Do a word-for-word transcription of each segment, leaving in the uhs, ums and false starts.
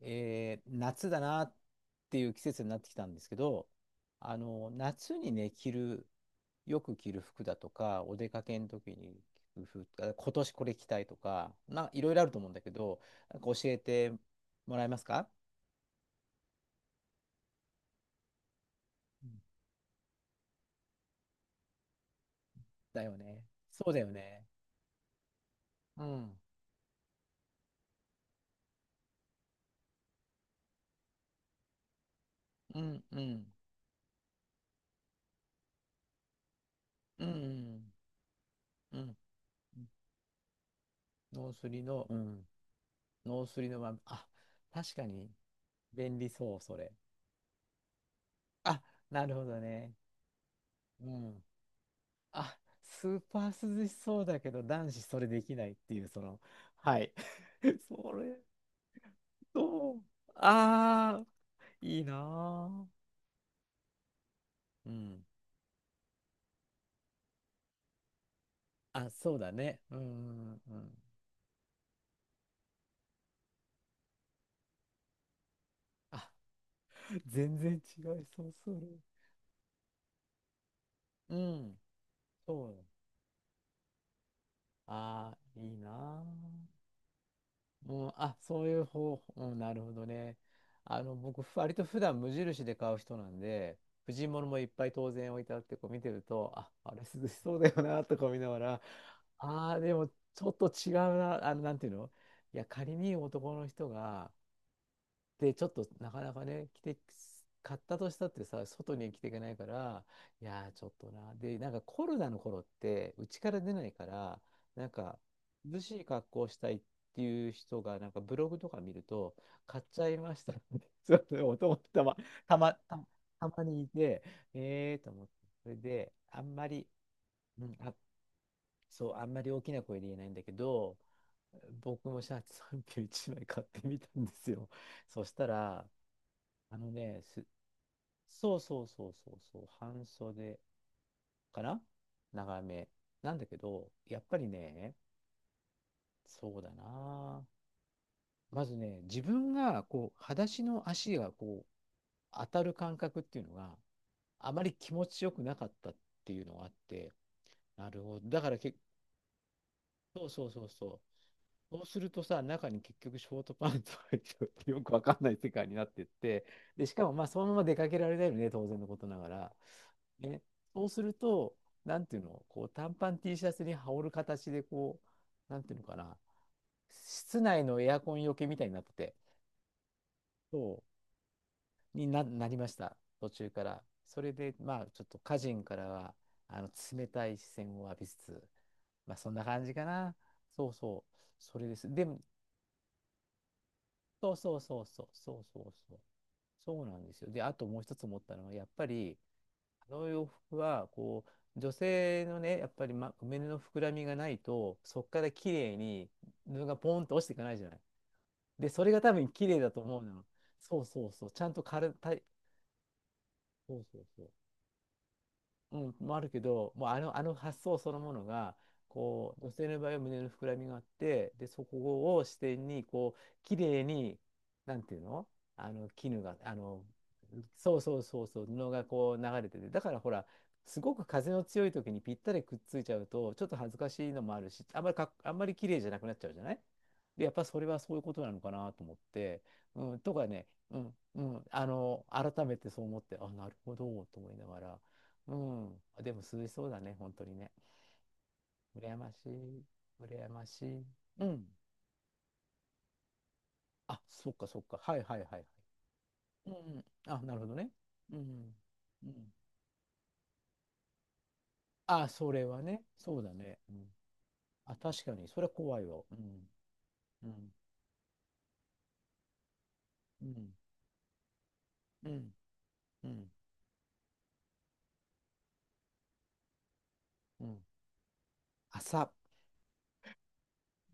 えー夏だなっていう季節になってきたんですけど、あの、夏にね、着る、よく着る服だとか、お出かけの時に着る服とか、今年これ着たいとか、な、いろいろあると思うんだけど、なんか教えてもらえますか？うん、だよね。そうだよね。うん。うんうん。うんうんうん。ノースリの、うん。ノースリのまま、あ、確かに便利そう、それ。あ、なるほどね。うん。あ、スーパー涼しそうだけど、男子それできないっていう、その、はい。それと、ああ、いいなー。うん。あ、そうだね。うん、うん、うん。あ、全然違いそう、それ。うん、そう。ああ、いいなー。うん、あ、そういう方法、うん、なるほどね。あの、僕、ふ割と普段無印で買う人なんで、婦人物もいっぱい当然置いてあって、こう見てると、あ、あれ涼しそうだよな、とか見ながら、ああ、でもちょっと違うな、あの、なんていうの？いや、仮に男の人が、で、ちょっとなかなかね、着て、買ったとしたってさ、外に着ていけないから、いやー、ちょっとな。で、なんかコロナの頃って、うちから出ないから、なんか、涼しい格好をしたいっていう人が、なんかブログとか見ると、買っちゃいましたって、そうそう、男たま、たま、た、たまにいて、えーと思って、それで、あんまり、うん、あ、そう、あんまり大きな声で言えないんだけど、僕もシャツさんじゅういちまい買ってみたんですよ。そしたら、あのね、す、そうそうそうそうそう、半袖かな、長め。なんだけど、やっぱりね、そうだな。まずね、自分がこう、裸足の足がこう、当たる感覚っていうのがあまり気持ちよくなかったっていうのがあって、なるほど。だからけ、そうそうそうそう。そうするとさ、中に結局ショートパンツ入っててよくわかんない世界になってって、で、しかもまあそのまま出かけられないよね、当然のことながら。ね、そうすると、なんていうの、こう短パン T シャツに羽織る形でこう、なんていうのかな、室内のエアコンよけみたいになってて、そうにな、なりました、途中から。それで、まあちょっと家人からはあの冷たい視線を浴びつつ、まあそんな感じかな。そうそう、それです。で、そうそうそうそうそうそうそう、そうなんですよ。で、あともう一つ思ったのはやっぱりあの洋服はこう女性のねやっぱり、ま、胸の膨らみがないとそこから綺麗に布がポンと落ちていかないじゃない。でそれが多分綺麗だと思うの。そうそうそうちゃんと軽たいそうそうそう、うん、もあるけど、もうあの、あの発想そのものが、こう、女性の場合は胸の膨らみがあって、で、そこを視点に、こう、綺麗に、なんていうの？あの、絹が、あの、そうそうそうそう、布がこう流れてて、だからほら、すごく風の強い時にぴったりくっついちゃうと、ちょっと恥ずかしいのもあるし、あんまりかっ、あんまり綺麗じゃなくなっちゃうじゃない。で、やっぱそれはそういうことなのかなと思って、うん、とかね、うん、うん、あの、改めてそう思って、あ、なるほど、と思いながら。うん。でも涼しそうだね、本当にね。羨ましい。羨ましい。うん。あ、そっかそっか。はいはいはいはい。うん。あ、なるほどね。うん。うん。あ、それはね。そうだね。うん。あ、確かに。それは怖いわ。うん。うん。うん。うん。うん。うん。朝。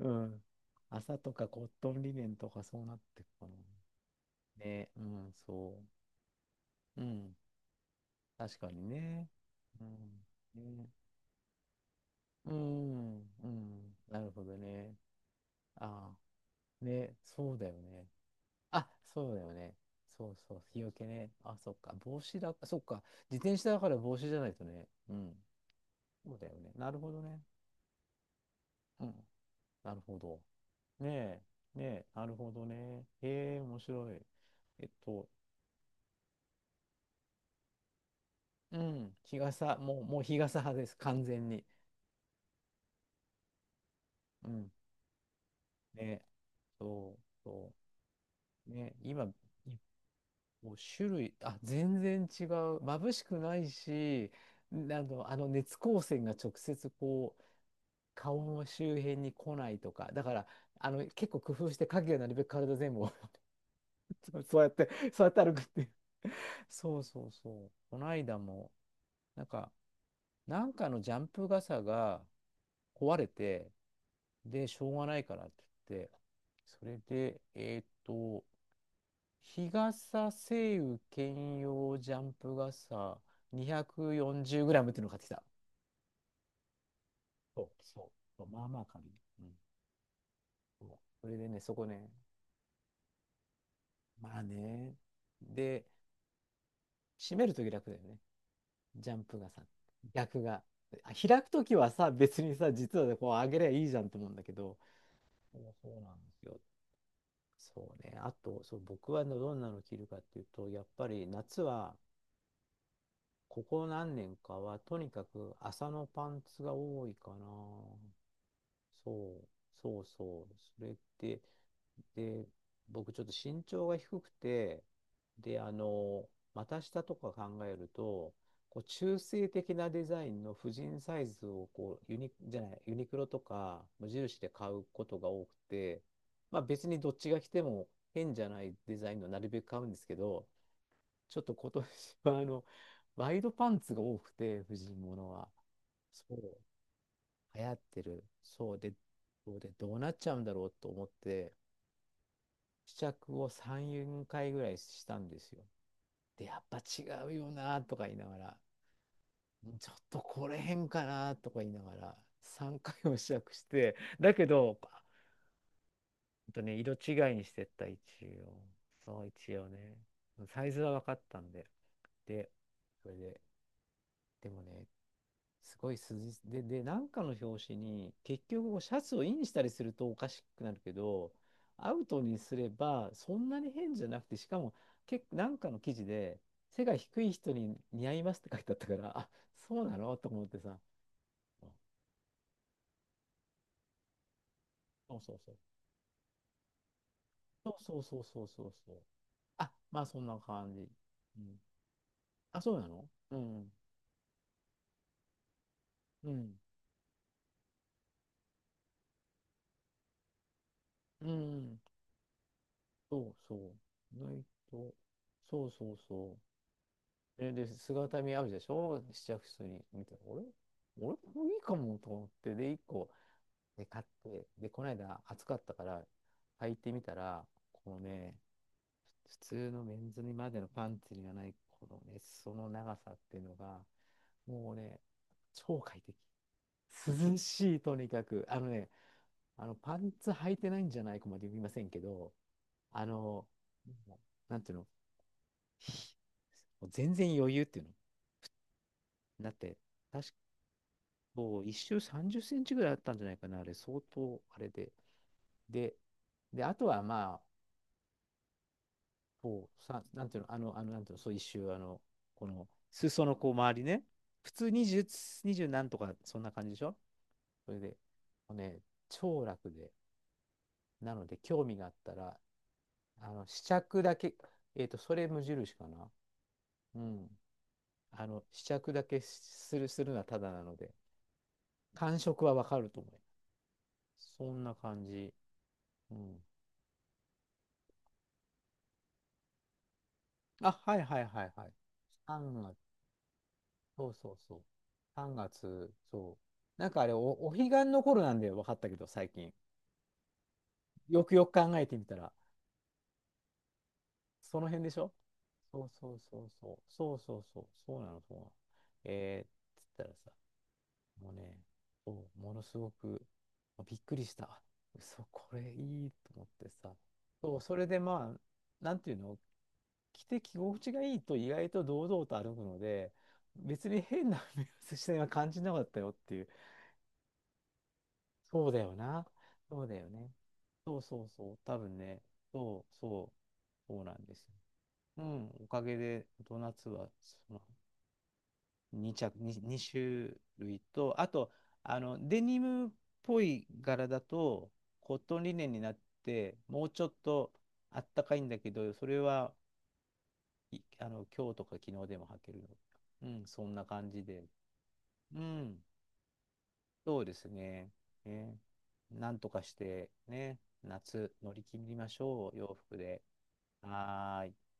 うん。朝とかコットンリネンとかそうなってくかな。ね。うん。そう。うん。確かにね。うん。ね。うーん、うん、なるほどね。ああ、ね、そうだよね。あ、そうだよね。そうそう、日よけね。あ、そっか、帽子だ、そっか、自転車だから帽子じゃないとね。うん、そうだよね。なるほどね。うん、なるほど。ねえ、ねえ、なるほどね。へえ、面白い。えっと、うん、日傘、もう、もう日傘派です、完全に。うん、ね、そう、そう、ね、今、もう種類、あ、全然違う。眩しくないし、んあの、あの熱光線が直接こう、顔の周辺に来ないとか、だから、あの、結構工夫して影がなるべく体全部を そうそうやって、そうやって歩くっていう。そうそうそう。この間も、なんか、なんかのジャンプ傘が壊れて、で、しょうがないからって言って、それで、えーっと、日傘、晴雨兼用ジャンプ傘、に よん ゼロムっていうのを買ってきた。そうそう。まあまあ軽い。うん。そう、それでね、そこね、まあね。で、閉めるとき楽だよね。ジャンプ傘。逆が。あ、開くときはさ、別にさ、実はねこう上げりゃいいじゃんと思うんだけど、そうそうなんですよ。そうね。あと、そう、僕はねどんなの着るかっていうと、やっぱり夏はここ何年かは、とにかく麻のパンツが多いかな。そう、そうそう。それってで、僕ちょっと身長が低くて、で、あの、股下とか考えると、こう中性的なデザインの婦人サイズをこうユニ、じゃない、ユニクロとか無印で買うことが多くて、まあ別にどっちが着ても変じゃないデザインのなるべく買うんですけど、ちょっと今年は あの、ワイドパンツが多くて、婦人物は。そう、流行ってる。そうで、そうで、どうなっちゃうんだろうと思って、試着をさん、よんかいぐらいしたんですよ。で、やっぱ違うよなとか言いながら、ちょっとこれ変かなとか言いながら、さんかいも試着して、だけど、ほんとね、色違いにしてった、一応。そう、一応ね。サイズは分かったんで。で、それで、でもね、すごい筋で、で、なんかの表紙に、結局こうシャツをインしたりするとおかしくなるけど、アウトにすればそんなに変じゃなくて、しかも結構なんかの記事で、背が低い人に似合いますって書いてあったから、あ、そうなのと思ってさ。そうそうそう。そうそうそうそうそうそう。あ、まあそんな感じ。うん、あ、そうなのうん。うん。うん。そうそう。意外と。そうそうそう。え、で、姿見あるでしょ試着室に見て、俺、俺もいいかもと思って、で、いっこ、で、買って、で、この間暑かったから、履いてみたら、このね、普通のメンズにまでのパンツにはない、このね、その長さっていうのが、もうね、超快適。涼しい、とにかく。あのね、あの、パンツ履いてないんじゃないかまで言いませんけど、あの、もうなんていうの、もう全然余裕っていうの。だって、確そう、一周さんじゅっセンチぐらいあったんじゃないかな、あれ、相当、あれで。で、で、あとはまあ、こう、さ、なんていうの、あの、あの、なんていうの、そう一周、あの、この、裾のこう、周りね、普通にじゅう、にな何とか、そんな感じでしょ？それで、もうね、超楽で、なので、興味があったら、あの、試着だけ、えっと、それ無印かな。うん。あの、試着だけする、するのはただなので、感触はわかると思う。そんな感じ。うん。あ、はいはいはいはい。さんがつ、そうそうそう。さんがつ、そう。なんかあれ、お、お彼岸の頃なんで分かったけど、最近。よくよく考えてみたら、その辺でしょ？そうそうそうそう。そうそうそう。そうなの、そうなの。えー、つったらさ、もうね、そう、ものすごくまあびっくりした。あ、嘘、これいいと思ってさ。そう、それでまあ、なんていうの、着て着心地がいいと意外と堂々と歩くので、別に変な 目指しは感じなかったよっていう。そうだよな。そうだよね。そうそうそう。多分ね、そうそう。そうなんですよ。うん、おかげで、ドーナツは、そのに着、に、二種類と、あと、あの、デニムっぽい柄だと、コットンリネンになって、もうちょっとあったかいんだけど、それは、いあの、今日とか昨日でも履けるの。うん、そんな感じで。うん、そうですね。ね、なんとかして、ね、夏乗り切りましょう、洋服で。はーい。